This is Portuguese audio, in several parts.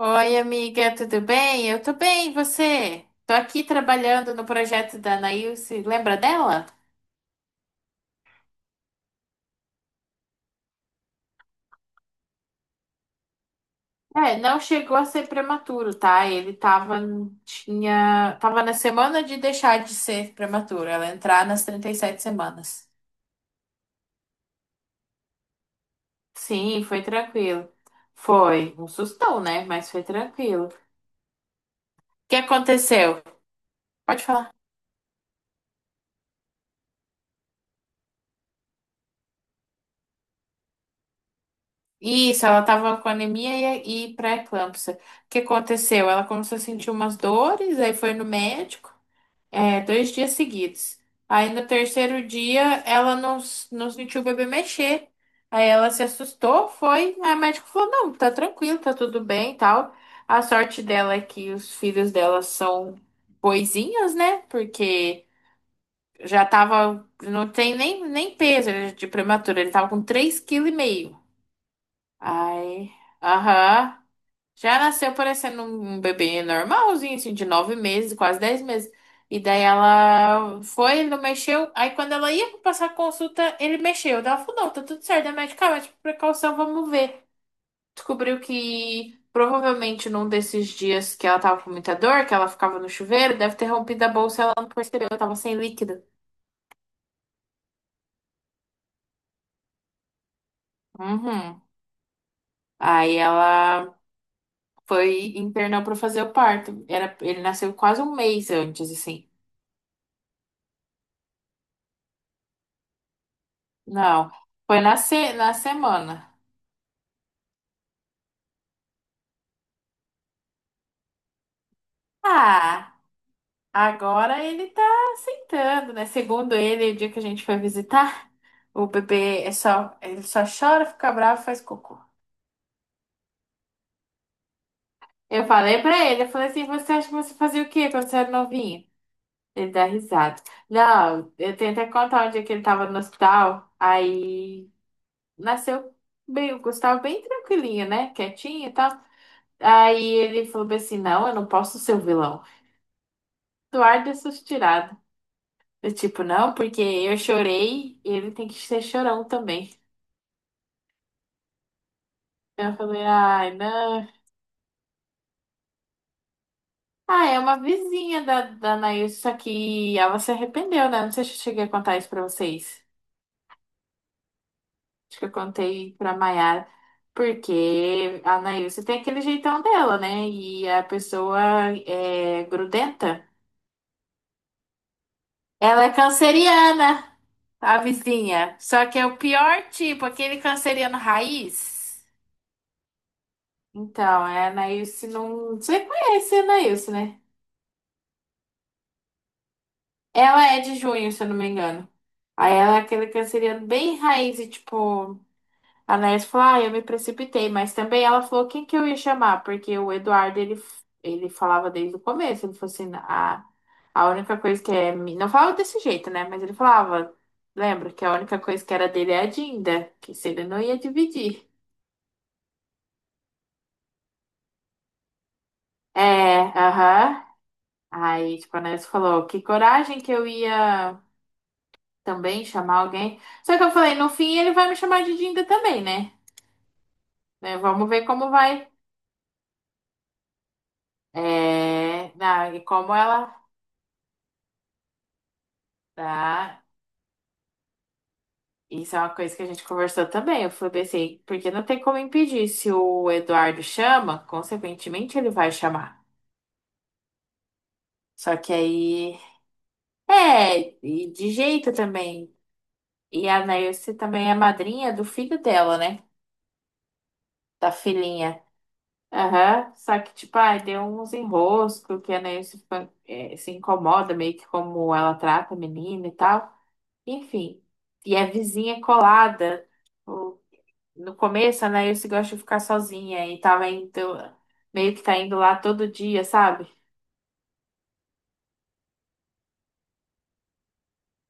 Oi, amiga, tudo bem? Eu tô bem, e você? Tô aqui trabalhando no projeto da Anaílse, lembra dela? É, não chegou a ser prematuro, tá? Ele tava na semana de deixar de ser prematuro, ela entrar nas 37 semanas. Sim, foi tranquilo. Foi um sustão, né? Mas foi tranquilo. O que aconteceu? Pode falar. Isso, ela tava com anemia e pré-eclâmpsia. O que aconteceu? Ela começou a sentir umas dores, aí foi no médico. É, dois dias seguidos. Aí no terceiro dia ela não sentiu o bebê mexer. Aí ela se assustou, foi. Aí o médico falou: não, tá tranquilo, tá tudo bem e tal. A sorte dela é que os filhos dela são boizinhos, né? Porque já tava. Não tem nem, nem peso ele é de prematuro. Ele tava com 3,5 kg. Aí. Aham. Já nasceu parecendo um bebê normalzinho, assim, de 9 meses, quase 10 meses. E daí ela foi, ele não mexeu. Aí quando ela ia passar a consulta, ele mexeu. Daí ela falou, não, tá tudo certo, é medicamento, por precaução, vamos ver. Descobriu que provavelmente num desses dias que ela tava com muita dor, que ela ficava no chuveiro, deve ter rompido a bolsa, ela não percebeu, ela tava sem líquido. Uhum. Aí ela foi internou pra fazer o parto. Era, ele nasceu quase um mês antes, assim. Não, foi na, se na semana. Ah, agora ele tá aceitando, né? Segundo ele, o dia que a gente foi visitar, o bebê é só, ele só chora, fica bravo, e faz cocô. Eu falei pra ele, eu falei assim, você acha que você fazia o quê quando você era novinho? Ele dá risada. Não, eu tenho até que contar um dia que ele tava no hospital, aí nasceu bem, o Gustavo bem tranquilinho, né? Quietinho e tal. Aí ele falou bem assim, não, eu não posso ser o vilão. Eduardo é suas. Eu, tipo, não, porque eu chorei, ele tem que ser chorão também. Eu falei, ai, não. Ah, é uma vizinha da Anaís, só que ela se arrependeu, né? Não sei se eu cheguei a contar isso pra vocês. Acho que eu contei pra Maiara. Porque a Anaísa tem aquele jeitão dela, né? E a pessoa é grudenta. Ela é canceriana, a vizinha. Só que é o pior tipo, aquele canceriano raiz. Então, é a Anaílse não. Você conhece a Anaílse, né? Ela é de junho, se eu não me engano. Aí ela é aquele canceriano bem raiz e tipo. A Anaílse falou, ah, eu me precipitei, mas também ela falou quem que eu ia chamar, porque o Eduardo, ele falava desde o começo, ele falou assim, a única coisa que é. Não falava desse jeito, né? Mas ele falava, lembra, que a única coisa que era dele é a Dinda, que se ele não ia dividir. É, aham. Aí, tipo, a Anaílse falou, que coragem que eu ia. Também chamar alguém. Só que eu falei, no fim ele vai me chamar de Dinda também, né? Né, vamos ver como vai. É, e como ela. Tá. Isso é uma coisa que a gente conversou também. Eu falei assim, porque não tem como impedir. Se o Eduardo chama, consequentemente ele vai chamar. Só que aí. É, e de jeito também. E a Nairce também é madrinha do filho dela, né? Da filhinha. Aham. Só que, tipo, ai, deu uns enroscos que a Ney se, fa- eh, se incomoda meio que como ela trata a menina e tal. Enfim, e é vizinha colada. O- No começo, a Ney se gosta de ficar sozinha e tava indo, meio que tá indo lá todo dia, sabe?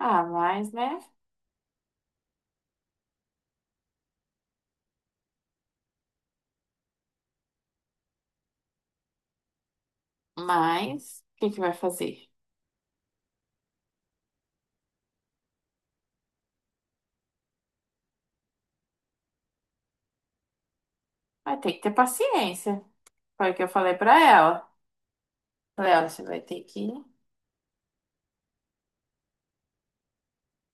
Ah, mas, né? Mas, o que que vai fazer? Vai ter que ter paciência. Foi o que eu falei pra ela. Falei, olha, você vai ter que.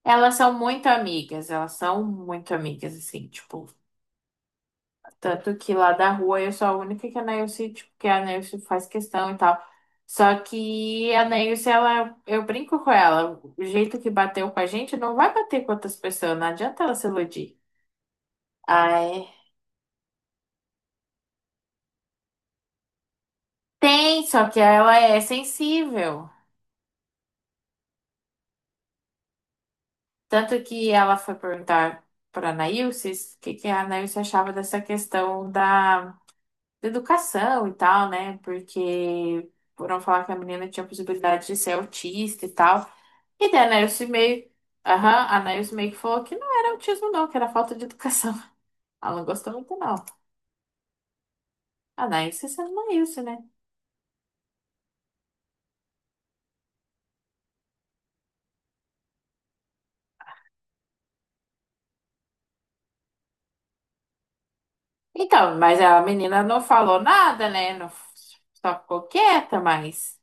Elas são muito amigas, elas são muito amigas, assim, tipo. Tanto que lá da rua eu sou a única que a Neilce, tipo, que a Neilce faz questão e tal. Só que a Neilce, ela, eu brinco com ela. O jeito que bateu com a gente não vai bater com outras pessoas, não adianta ela se iludir. Ai, tem, só que ela é sensível. Tanto que ela foi perguntar pra Neilce o que que a Neilce achava dessa questão da. De educação e tal, né? Porque foram falar que a menina tinha possibilidade de ser autista e tal. E daí a Nelson meio, aham, a Nelson meio que falou que não era autismo, não, que era falta de educação. Ela não gostou muito, não. A Nelson sendo isso, né? Então, mas a menina não falou nada, né? Não, só ficou quieta, mas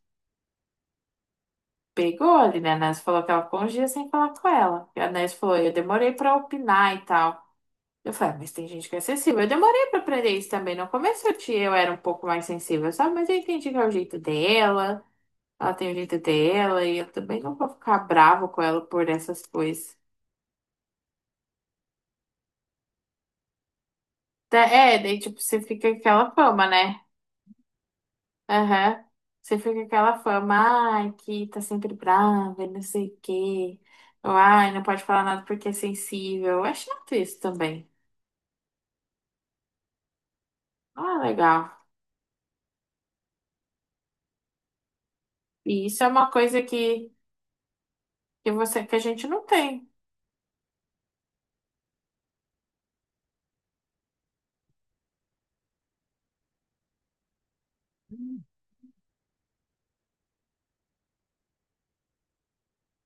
pegou ali, né? A Nelson falou que ela ficou uns dias sem falar com ela. E a Nelson falou, eu demorei pra opinar e tal. Eu falei, ah, mas tem gente que é sensível. Eu demorei pra aprender isso também. No começo eu, tinha, eu era um pouco mais sensível, sabe? Mas eu entendi que é o jeito dela, ela tem o jeito dela, e eu também não vou ficar bravo com ela por essas coisas. Tá, é, daí tipo, você fica com aquela fama, né? Aham. Você fica com aquela fama, ai, que tá sempre brava, e não sei o quê. Ou, ai, não pode falar nada porque é sensível. Eu acho chato isso também. Ah, legal. E isso é uma coisa que você, que a gente não tem.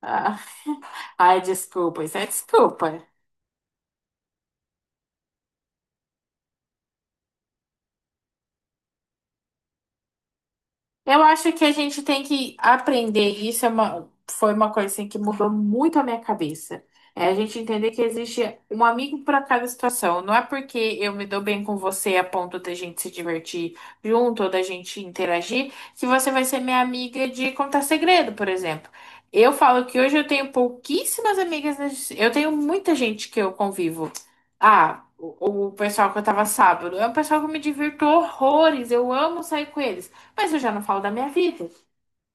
Ah, ai, desculpa, isso é desculpa. Eu acho que a gente tem que aprender. Isso é uma, foi uma coisa assim, que mudou muito a minha cabeça. É a gente entender que existe um amigo para cada situação. Não é porque eu me dou bem com você a ponto da gente se divertir junto ou da gente interagir, que você vai ser minha amiga de contar segredo, por exemplo. Eu falo que hoje eu tenho pouquíssimas amigas. Eu tenho muita gente que eu convivo. Ah, o pessoal que eu tava sábado. É um pessoal que eu me divirto horrores. Eu amo sair com eles. Mas eu já não falo da minha vida.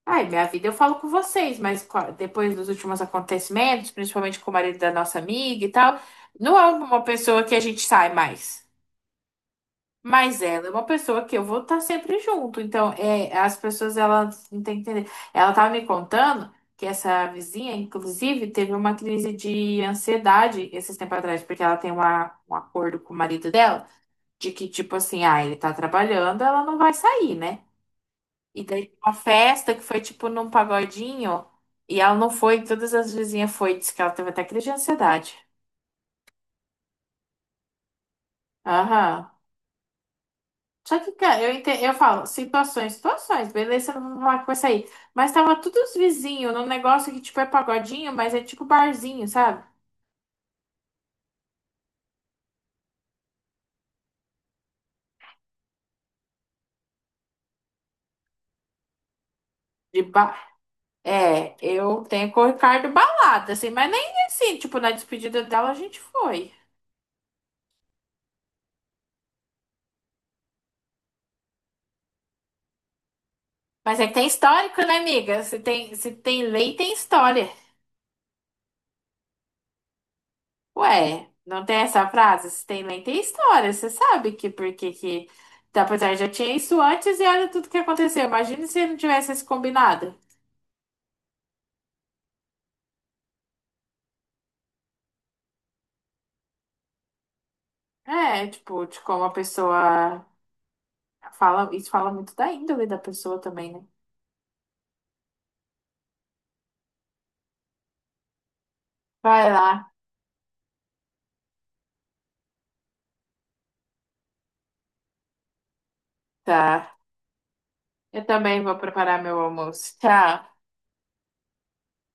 Ai, minha vida eu falo com vocês, mas depois dos últimos acontecimentos, principalmente com o marido da nossa amiga e tal, não é uma pessoa que a gente sai mais. Mas ela é uma pessoa que eu vou estar sempre junto. Então, é, as pessoas, elas não têm que entender. Ela tava me contando que essa vizinha, inclusive, teve uma crise de ansiedade esses tempos atrás, porque ela tem uma, um acordo com o marido dela, de que, tipo assim, ah, ele tá trabalhando, ela não vai sair, né? E daí tinha uma festa que foi tipo num pagodinho. E ela não foi, todas as vizinhas foi, disse que ela teve até crise de ansiedade. Aham. Só que, cara, eu falo, situações, situações, beleza, não vou falar que vai sair. Mas tava todos os vizinhos num negócio que, tipo, é pagodinho, mas é tipo barzinho, sabe? De bar. É, eu tenho com o Ricardo balada, assim, mas nem assim, tipo, na despedida dela a gente foi. Mas é que tem histórico, né, amiga? Se tem, se tem lei, tem história. Ué, não tem essa frase? Se tem mãe, tem história. Você sabe que porque que. Que. Tá, pois é, já tinha isso antes e olha tudo que aconteceu. Imagina se não tivesse esse combinado. É, tipo, de como a pessoa fala. Isso fala muito da índole da pessoa também, né? Vai lá. Tá. Eu também vou preparar meu almoço. Tchau.